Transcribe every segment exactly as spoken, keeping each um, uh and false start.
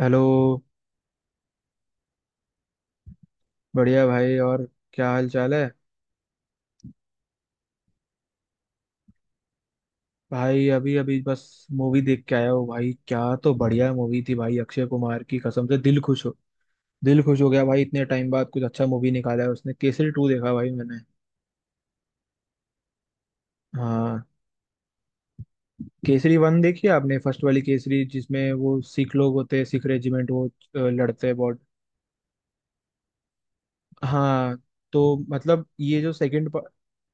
Hello. बढ़िया भाई। और क्या हाल चाल है। भाई अभी अभी बस मूवी देख के आया हूँ भाई। क्या तो बढ़िया मूवी थी भाई, अक्षय कुमार की कसम से। दिल खुश हो दिल खुश हो गया भाई। इतने टाइम बाद कुछ अच्छा मूवी निकाला है उसने। केसरी टू देखा भाई मैंने। हाँ, केसरी वन देखी आपने, फर्स्ट वाली केसरी जिसमें वो सिख लोग होते हैं, सिख रेजिमेंट, वो अ, लड़ते हैं। हाँ, तो मतलब ये जो सेकंड पार्ट।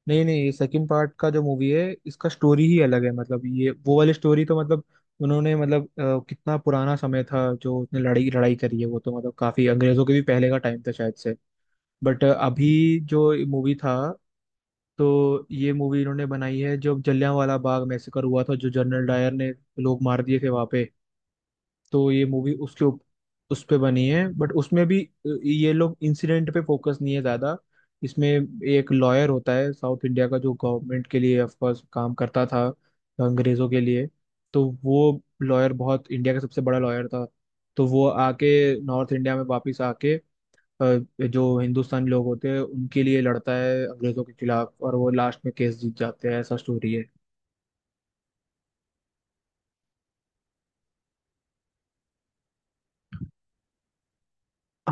नहीं नहीं, ये सेकंड पार्ट का जो मूवी है इसका स्टोरी ही अलग है। मतलब ये वो वाली स्टोरी तो मतलब उन्होंने मतलब अ, कितना पुराना समय था जो उसने लड़ाई लड़ाई करी है, वो तो मतलब काफी अंग्रेजों के भी पहले का टाइम था शायद से। बट अभी जो मूवी था, तो ये मूवी इन्होंने बनाई है जब जलियांवाला बाग मैसेकर हुआ था, जो जनरल डायर ने लोग मार दिए थे वहां पे। तो ये मूवी उसके उप, उस पे बनी है। बट उसमें भी अ, ये लोग इंसिडेंट पे फोकस नहीं है ज्यादा। इसमें एक लॉयर होता है साउथ इंडिया का, जो गवर्नमेंट के लिए, ऑफ कोर्स, काम करता था अंग्रेजों के लिए। तो वो लॉयर बहुत, इंडिया का सबसे बड़ा लॉयर था। तो वो आके नॉर्थ इंडिया में वापस आके अ, जो हिंदुस्तानी लोग होते हैं उनके लिए लड़ता है अंग्रेजों के खिलाफ, और वो लास्ट में केस जीत जाते हैं, ऐसा स्टोरी है।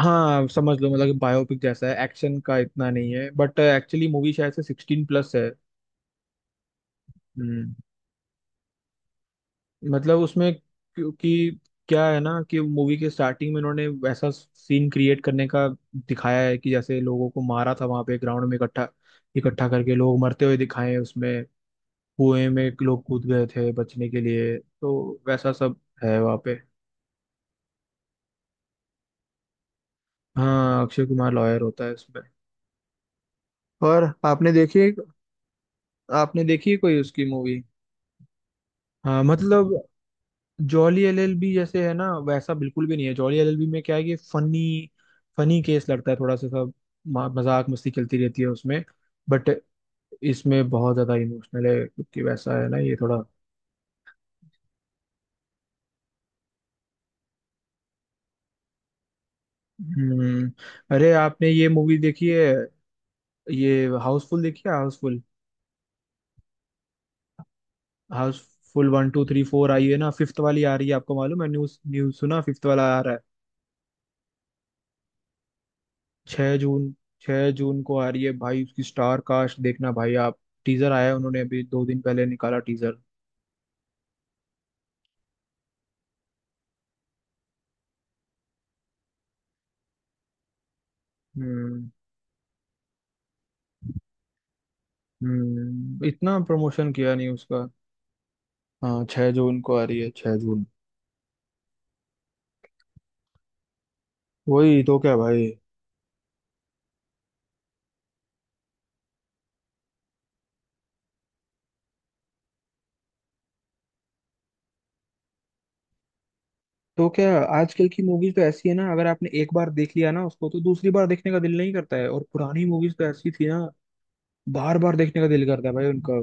हाँ, समझ लो मतलब कि बायोपिक जैसा है, एक्शन का इतना नहीं है। बट एक्चुअली मूवी शायद से सिक्सटीन प्लस है। हम्म। मतलब उसमें, क्योंकि क्या है ना कि मूवी के स्टार्टिंग में इन्होंने वैसा सीन क्रिएट करने का दिखाया है, कि जैसे लोगों को मारा था वहां पे ग्राउंड में इकट्ठा इकट्ठा करके लोग मरते हुए दिखाए हैं उसमें। कुएं में लोग कूद गए थे बचने के लिए, तो वैसा सब है वहाँ पे। हाँ, अक्षय कुमार लॉयर होता है इसमें। और आपने देखी है, आपने देखी है कोई उसकी मूवी। हाँ मतलब जॉली एलएलबी जैसे है ना, वैसा बिल्कुल भी नहीं है। जॉली एलएलबी में क्या है कि फनी फनी केस लगता है थोड़ा सा सब, म- मजाक मस्ती चलती रहती है उसमें। बट इसमें बहुत ज्यादा इमोशनल है, क्योंकि वैसा है ना ये थोड़ा। हम्म। अरे आपने ये मूवी देखी है, ये हाउसफुल देखी है, Housefull? Housefull one two three four आई है ना, फिफ्थ वाली आ रही है, आपको मालूम है? न्यूज न्यूज सुना, फिफ्थ वाला आ रहा है छह जून। छह जून को आ रही है भाई, उसकी स्टार कास्ट देखना भाई आप। टीजर आया है, उन्होंने अभी दो दिन पहले निकाला टीजर। हम्म। हम्म, इतना प्रमोशन किया नहीं उसका। हाँ, छह जून को आ रही है, छह जून। वही तो क्या भाई। तो क्या, आजकल की मूवीज तो ऐसी है ना, अगर आपने एक बार देख लिया ना उसको तो दूसरी बार देखने का दिल नहीं करता है, और पुरानी मूवीज तो ऐसी थी ना, बार बार देखने का दिल करता है भाई उनका।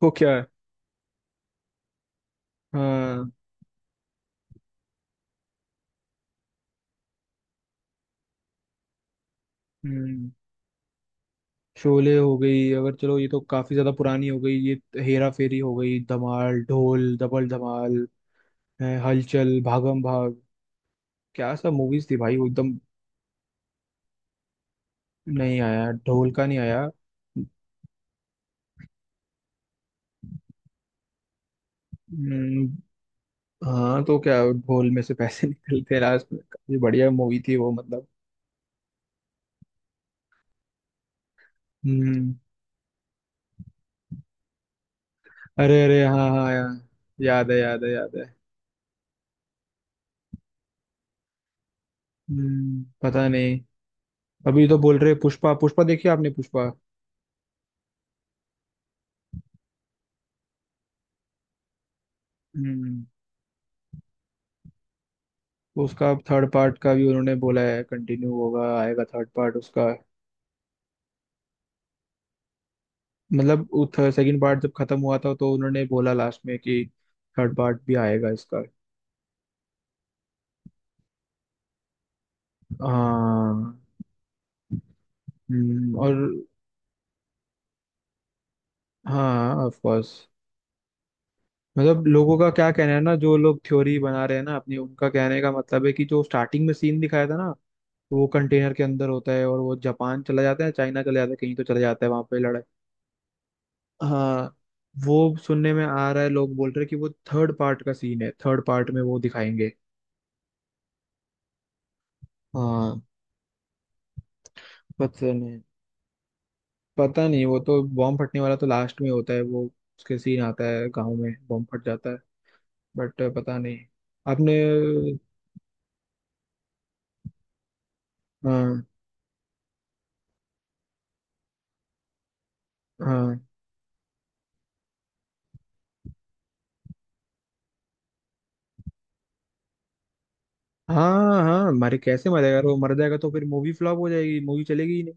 तो क्या है। हाँ। हम्म। शोले हो गई, अगर चलो ये तो काफी ज्यादा पुरानी हो गई ये। हेरा फेरी हो गई, धमाल, ढोल, डबल धमाल हैं, हलचल, भागम भाग, क्या सब मूवीज थी भाई वो एकदम। नहीं आया, ढोल का नहीं आया। हम्म, हाँ, तो क्या ढोल में से पैसे निकलते लास्ट में, काफी बढ़िया मूवी थी वो मतलब। हम्म। अरे अरे हाँ हाँ यार, याद है याद है याद है। हम्म, पता नहीं। अभी तो बोल रहे, पुष्पा पुष्पा देखी आपने, पुष्पा? हम्म, उसका थर्ड पार्ट का भी उन्होंने बोला है, कंटिन्यू होगा, आएगा थर्ड पार्ट उसका। मतलब सेकंड पार्ट जब खत्म हुआ था, तो उन्होंने बोला लास्ट में कि थर्ड पार्ट भी आएगा इसका। हाँ। हम्म, और। हाँ, ऑफ कोर्स। मतलब लोगों का क्या कहना है ना, जो लोग थ्योरी बना रहे हैं ना अपनी, उनका कहने का मतलब है कि जो स्टार्टिंग में सीन दिखाया था ना, वो कंटेनर के अंदर होता है, और वो जापान चला जाता है, चाइना चला जाता है, कहीं तो चला जाता है, वहां पे लड़ाई। हाँ, वो सुनने में आ रहा है, लोग बोल रहे हैं कि वो थर्ड पार्ट का सीन है, थर्ड पार्ट में वो दिखाएंगे। हाँ। पता नहीं। पता नहीं, वो तो बॉम्ब फटने वाला तो लास्ट में होता है वो, उसके सीन आता है, गाँव में बॉम्ब फट जाता है, बट पता नहीं। आपने। हाँ हाँ, हाँ हाँ, मरे कैसे मरेगा यार, वो मर जाएगा तो फिर मूवी फ्लॉप हो जाएगी, मूवी चलेगी ही नहीं।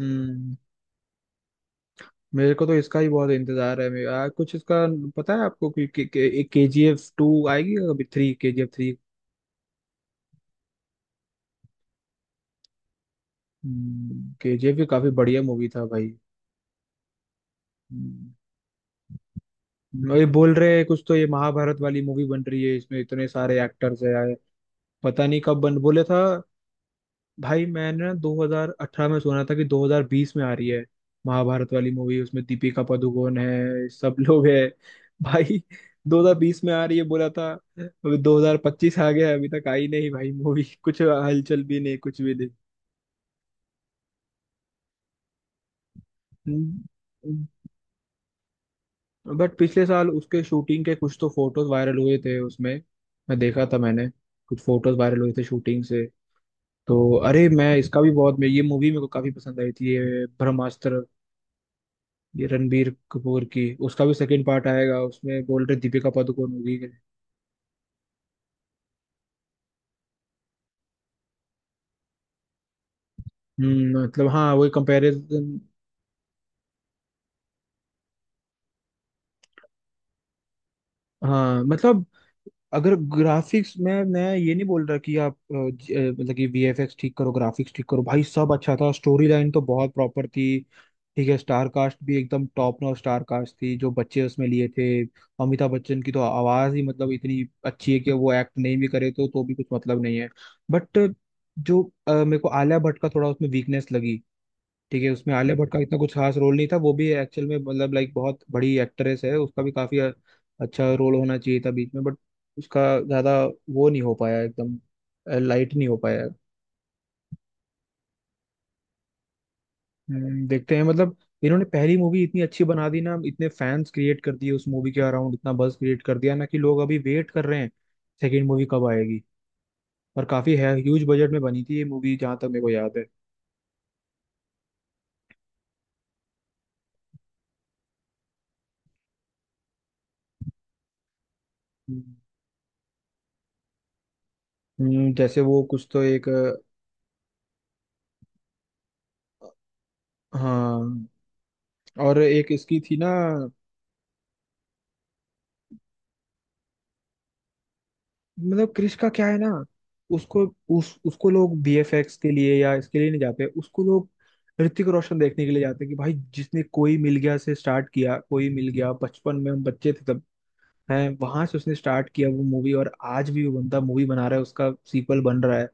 हम्म। मेरे को तो इसका ही बहुत इंतजार है, मेरे आ, कुछ इसका पता है आपको कि के, के, एक के जी एफ टू आएगी या कभी three, K G F three. K G F भी काफी बढ़िया मूवी था भाई। हम्म, और ये बोल रहे हैं कुछ तो ये महाभारत वाली मूवी बन रही है, इसमें इतने सारे एक्टर्स है यार, पता नहीं कब बन, बोले था भाई मैंने ना दो हज़ार अठारह में सुना था कि दो हज़ार बीस में आ रही है महाभारत वाली मूवी, उसमें दीपिका पादुकोण है, सब लोग है भाई। दो हज़ार बीस में आ रही है बोला था, अभी दो हज़ार पच्चीस आ गया है, अभी तक आई नहीं भाई मूवी कुछ हलचल भी नहीं, कुछ भी नहीं। हम्म, बट पिछले साल उसके शूटिंग के कुछ तो फोटोज वायरल हुए थे उसमें, मैं देखा था मैंने। कुछ फोटोज वायरल हुए थे शूटिंग से। तो अरे मैं इसका भी बहुत, मैं, ये मूवी मेरे को काफी पसंद आई थी, ये ब्रह्मास्त्र, ये रणबीर कपूर की, उसका भी सेकंड पार्ट आएगा, उसमें बोल रहे दीपिका पादुकोण होगी। हम्म मतलब, हाँ वही कंपैरिजन। हाँ मतलब, अगर ग्राफिक्स में, मैं ये नहीं बोल रहा कि आप अ, ज- अ, मतलब कि वीएफएक्स ठीक करो, ग्राफिक्स ठीक करो, भाई सब अच्छा था, स्टोरी लाइन तो बहुत प्रॉपर थी। ठीक है, स्टार कास्ट भी एकदम टॉप नॉच स्टार कास्ट थी, जो बच्चे उसमें लिए थे। अमिताभ बच्चन की तो आवाज ही मतलब इतनी अच्छी है कि वो एक्ट नहीं भी करे तो तो भी कुछ मतलब नहीं है। बट जो अ, मेरे को आलिया भट्ट का थोड़ा उसमें वीकनेस लगी। ठीक है, उसमें आलिया भट्ट का इतना कुछ खास रोल नहीं था, वो भी एक्चुअल में मतलब, लाइक बहुत बड़ी एक्ट्रेस है, उसका भी काफी अ- अच्छा रोल होना चाहिए था बीच में, बट उसका ज्यादा वो नहीं हो पाया एकदम, लाइट नहीं हो पाया। हम्म, देखते हैं मतलब। इन्होंने पहली मूवी इतनी अच्छी बना दी ना, इतने फैंस क्रिएट कर दिए, उस मूवी के अराउंड इतना बuzz क्रिएट कर दिया ना कि लोग अभी वेट कर रहे हैं सेकेंड मूवी कब आएगी। और काफी है, ह्यूज बजट में बनी थी ये मूवी जहाँ तक मेरे को याद है। हम्म। हम्म, जैसे वो कुछ तो एक अ, हाँ, और एक इसकी थी ना। मतलब क्रिश का क्या है ना, उसको उस उसको लोग बीएफएक्स के लिए या इसके लिए नहीं जाते, उसको लोग ऋतिक रोशन देखने के लिए जाते हैं कि भाई जिसने कोई मिल गया से स्टार्ट किया, कोई मिल गया बचपन में, हम बच्चे थे तब, हैं, वहां से उसने स्टार्ट किया वो मूवी, और आज भी वो बंदा मूवी बना रहा है, उसका सीक्वल बन रहा है।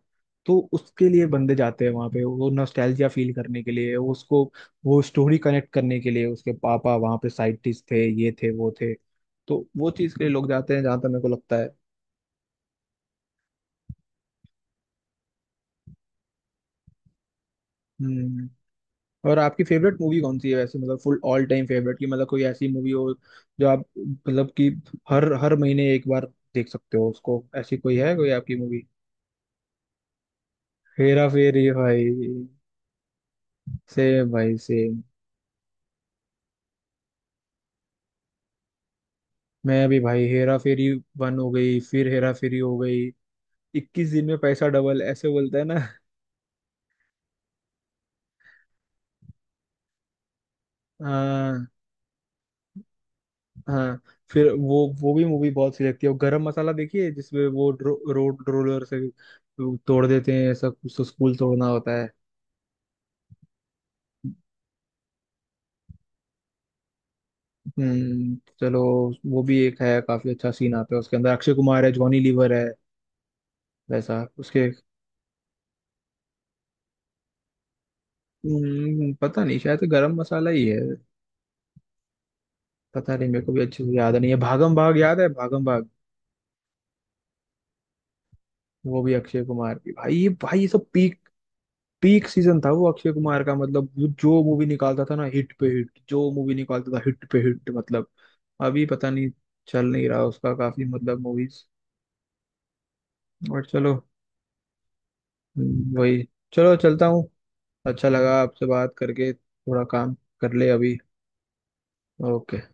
तो उसके लिए बंदे जाते हैं वहां पे, वो नॉस्टैल्जिया फील करने के लिए, वो उसको, वो स्टोरी कनेक्ट करने के लिए, उसके पापा वहां पे साइंटिस्ट थे, ये थे वो थे, तो वो चीज के लिए लोग जाते हैं, जहां तक मेरे को लगता है। हम्म। और आपकी फेवरेट मूवी कौन सी है वैसे, मतलब फुल ऑल टाइम फेवरेट की, मतलब कोई ऐसी मूवी हो जो आप मतलब कि हर हर महीने एक बार देख सकते हो उसको, ऐसी कोई है कोई आपकी मूवी? हेरा फेरी भाई। सेम भाई, सेम। मैं भी भाई, हेरा फेरी वन हो गई, फिर हेरा फेरी हो गई, इक्कीस दिन में पैसा डबल ऐसे बोलते हैं ना। हाँ। हाँ। फिर वो वो भी मूवी बहुत सी लगती है, और गरम मसाला देखिए जिसमें वो ड्रो, रोड रोलर से तोड़ देते हैं, ऐसा कुछ तो, स्कूल तोड़ना होता है। हम्म, चलो। वो भी एक है, काफी अच्छा सीन आता है उसके अंदर, अक्षय कुमार है, जॉनी लीवर है, वैसा उसके। हम्म, पता नहीं, शायद तो गरम मसाला ही है, पता नहीं, मेरे को भी अच्छे से याद नहीं है। भागम भाग याद है, भागम भाग, वो भी अक्षय कुमार की भाई, ये भाई ये सब पीक, पीक सीजन था वो अक्षय कुमार का, मतलब वो जो मूवी निकालता था ना हिट पे हिट, जो मूवी निकालता था हिट पे हिट मतलब, अभी पता नहीं चल नहीं रहा उसका, काफी मतलब मूवीज। और चलो। हम्म, वही, चलो चलता हूँ। अच्छा लगा आपसे बात करके, थोड़ा काम कर ले अभी। ओके।